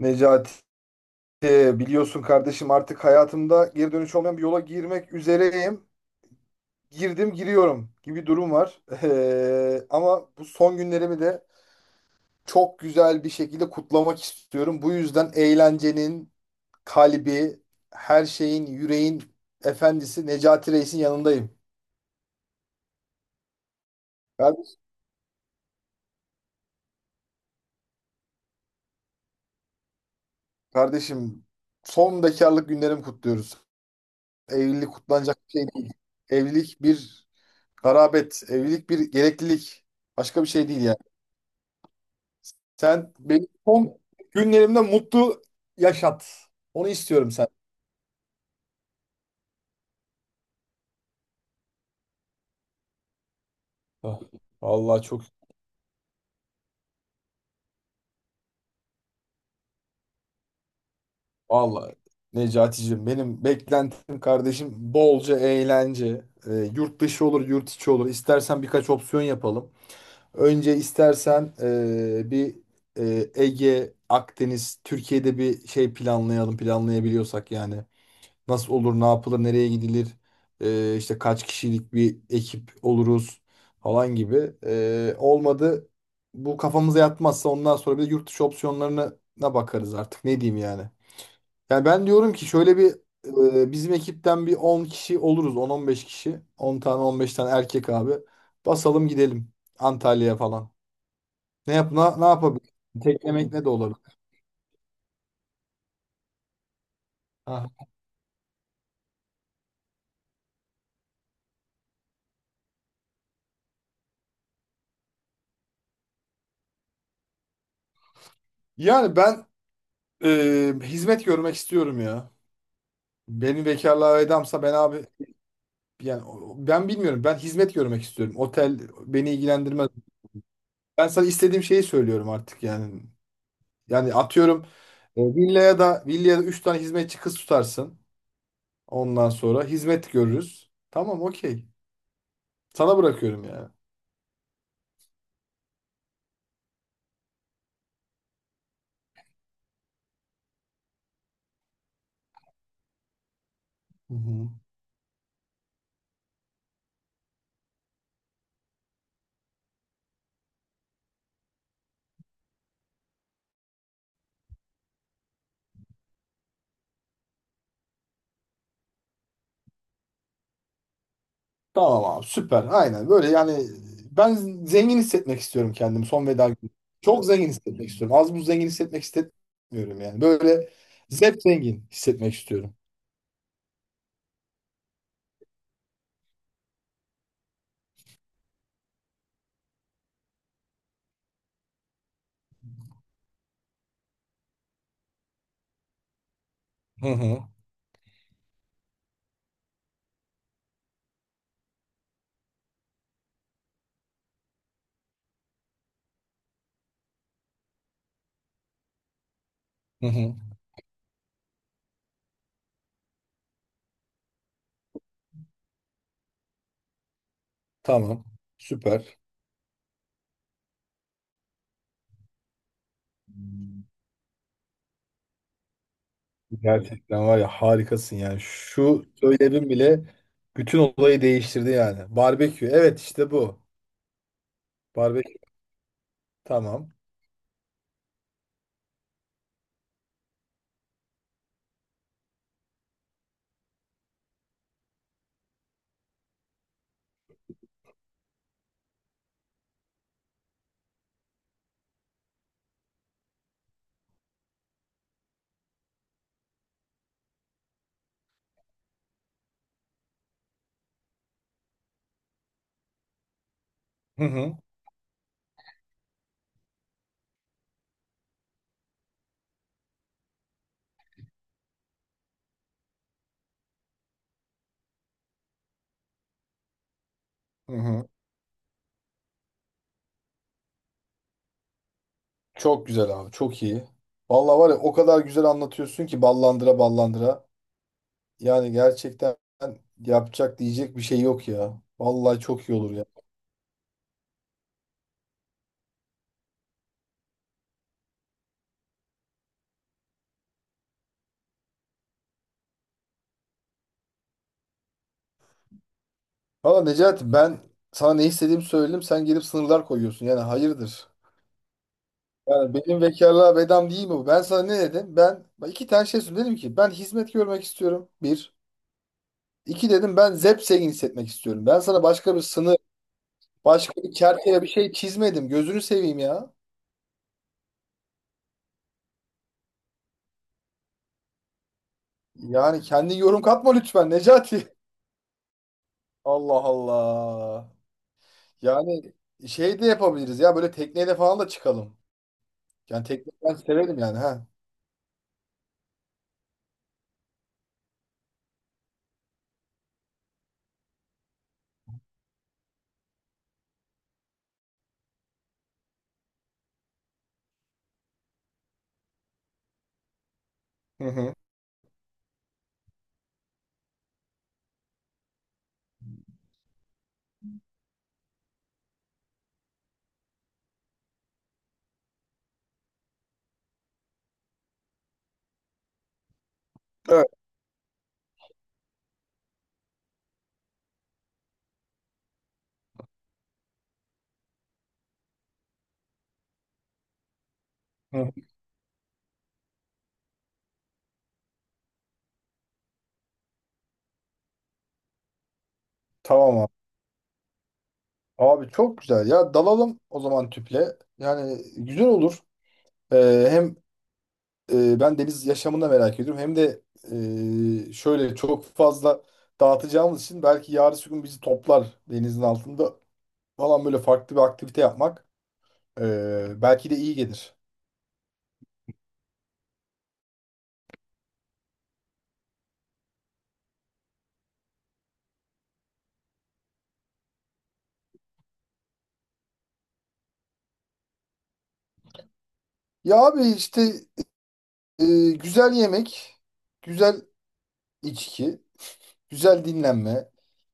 Necati, biliyorsun kardeşim, artık hayatımda geri dönüş olmayan bir yola girmek üzereyim. Girdim, giriyorum gibi durum var. Ama bu son günlerimi de çok güzel bir şekilde kutlamak istiyorum. Bu yüzden eğlencenin kalbi, her şeyin, yüreğin efendisi Necati Reis'in yanındayım. Kardeşim, kardeşim, son bekarlık günlerimi kutluyoruz. Evlilik kutlanacak bir şey değil. Evlilik bir garabet, evlilik bir gereklilik. Başka bir şey değil yani. Sen benim son günlerimde mutlu yaşat. Onu istiyorum sen. Ah, vallahi çok, vallahi Necaticim, benim beklentim kardeşim bolca eğlence. Yurt dışı olur, yurt içi olur. İstersen birkaç opsiyon yapalım. Önce istersen bir Ege, Akdeniz, Türkiye'de bir şey planlayalım, planlayabiliyorsak yani. Nasıl olur, ne yapılır, nereye gidilir, işte kaç kişilik bir ekip oluruz falan gibi. Olmadı, bu kafamıza yatmazsa, ondan sonra bir de yurt dışı opsiyonlarına bakarız artık, ne diyeyim yani. Yani ben diyorum ki şöyle bir bizim ekipten bir 10 kişi oluruz, 10-15 kişi, 10 tane, 15 tane erkek abi, basalım gidelim Antalya'ya falan. Ne yap ne yapabilir? Teklemek ne de olabilir. Ha. Yani ben hizmet görmek istiyorum ya. Beni bekarlığa vedamsa ben abi yani ben bilmiyorum. Ben hizmet görmek istiyorum. Otel beni ilgilendirmez. Ben sana istediğim şeyi söylüyorum artık yani. Yani atıyorum villaya da 3 tane hizmetçi kız tutarsın. Ondan sonra hizmet görürüz. Tamam, okey. Sana bırakıyorum yani. Hı hı. Tamam abi, süper. Aynen böyle yani, ben zengin hissetmek istiyorum kendimi son veda günü. Çok zengin hissetmek istiyorum. Az buz zengin hissetmek istemiyorum yani. Böyle zevk zengin hissetmek istiyorum. Hı hı. Hı hı. Tamam. Süper. Gerçekten var ya, harikasın yani. Şu söylemin bile bütün olayı değiştirdi yani. Barbekü. Evet, işte bu. Barbekü. Tamam. Hı hı. Hı hı. Çok güzel abi. Çok iyi. Vallahi var ya, o kadar güzel anlatıyorsun ki, ballandıra ballandıra. Yani gerçekten yapacak, diyecek bir şey yok ya. Vallahi çok iyi olur ya. Valla Necati, ben sana ne istediğimi söyledim. Sen gelip sınırlar koyuyorsun. Yani hayırdır? Yani benim vekarlığa bedam değil mi bu? Ben sana ne dedim? Ben bak, iki tane şey söyledim. Dedim ki ben hizmet görmek istiyorum. Bir. İki, dedim ben zevk hissetmek istiyorum. Ben sana başka bir sınır, başka bir çerçeve, bir şey çizmedim. Gözünü seveyim ya. Yani kendi yorum katma lütfen Necati. Allah Allah. Yani şey de yapabiliriz ya, böyle tekneyle falan da çıkalım. Yani tekne ben severim yani ha. Hı hı. Evet. Hı hı. Tamam abi. Abi çok güzel ya, dalalım o zaman tüple. Yani güzel olur. Hem ben deniz yaşamını da merak ediyorum. Hem de şöyle çok fazla dağıtacağımız için, belki yarın bir gün bizi toplar denizin altında falan, böyle farklı bir aktivite yapmak belki de iyi gelir. Ya abi işte e, güzel yemek, güzel içki. Güzel dinlenme.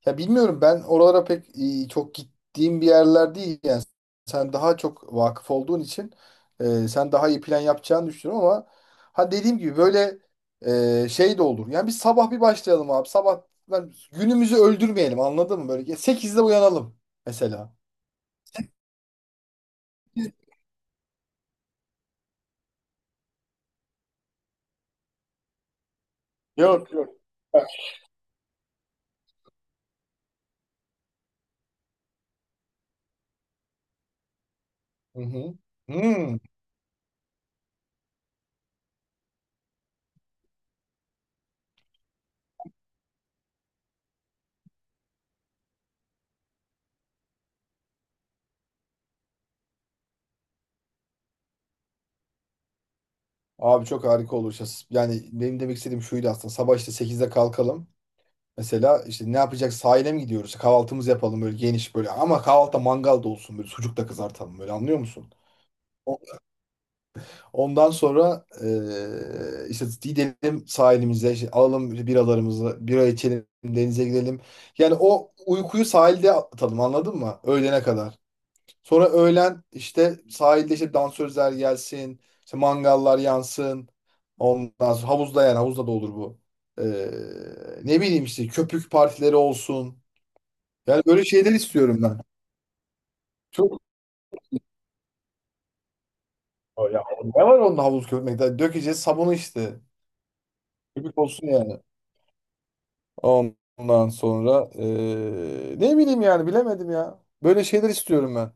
Ya bilmiyorum, ben oralara pek çok gittiğim bir yerler değil yani. Sen daha çok vakıf olduğun için sen daha iyi plan yapacağını düşünüyorum, ama ha, dediğim gibi, böyle şey de olur. Yani bir sabah bir başlayalım abi. Sabah lan günümüzü öldürmeyelim, anladın mı? Böyle 8'de uyanalım mesela. Yok yok. Hı hı. Hmm. Abi çok harika olur. Yani benim demek istediğim şuydu aslında. Sabah işte 8'de kalkalım. Mesela işte ne yapacak, sahile mi gidiyoruz? Kahvaltımızı yapalım böyle geniş, böyle ama kahvaltıda mangal da olsun, böyle sucuk da kızartalım, böyle anlıyor musun? O- Ondan sonra işte gidelim sahilimize, işte alalım biralarımızı, bira içelim, denize gidelim. Yani o uykuyu sahilde atalım, anladın mı? Öğlene kadar. Sonra öğlen işte sahilde işte dansözler gelsin, işte mangallar yansın. Ondan sonra havuzda, yani havuzda da olur bu. Eee, Ne bileyim, işte köpük partileri olsun. Yani böyle şeyler istiyorum ben. Çok, ya ne var onun havuz köpürmekte? Dökeceğiz sabunu işte. Köpük olsun yani. Ondan sonra ne bileyim yani, bilemedim ya. Böyle şeyler istiyorum ben.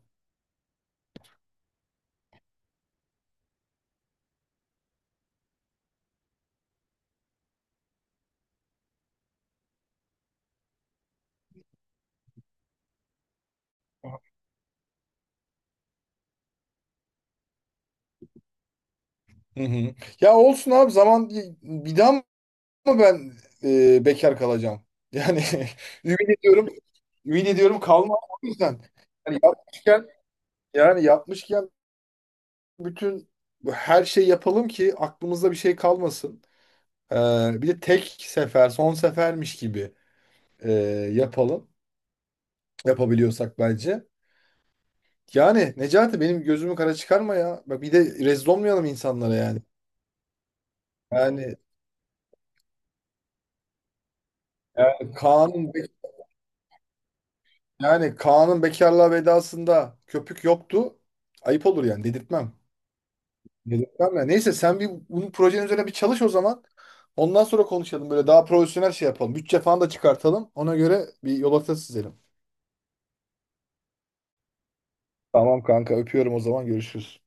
Hı hı. Ya olsun abi, zaman bir daha mı ben bekar kalacağım? Yani ümit ediyorum. Ümit ediyorum kalmam, o yüzden. Yani yapmışken yani yapmışken bütün her şeyi yapalım ki aklımızda bir şey kalmasın. Bir de tek sefer, son sefermiş gibi e, yapalım. Yapabiliyorsak bence. Yani Necati, benim gözümü kara çıkarma ya. Bak, bir de rezil olmayalım insanlara yani. Yani, yani Kaan'ın be- yani Kaan'ın bekarlığa vedasında köpük yoktu. Ayıp olur yani, dedirtmem. Dedirtmem ya. Neyse, sen bir bunun projenin üzerine bir çalış o zaman. Ondan sonra konuşalım, böyle daha profesyonel şey yapalım. Bütçe falan da çıkartalım. Ona göre bir yol haritası çizelim. Tamam kanka, öpüyorum, o zaman görüşürüz.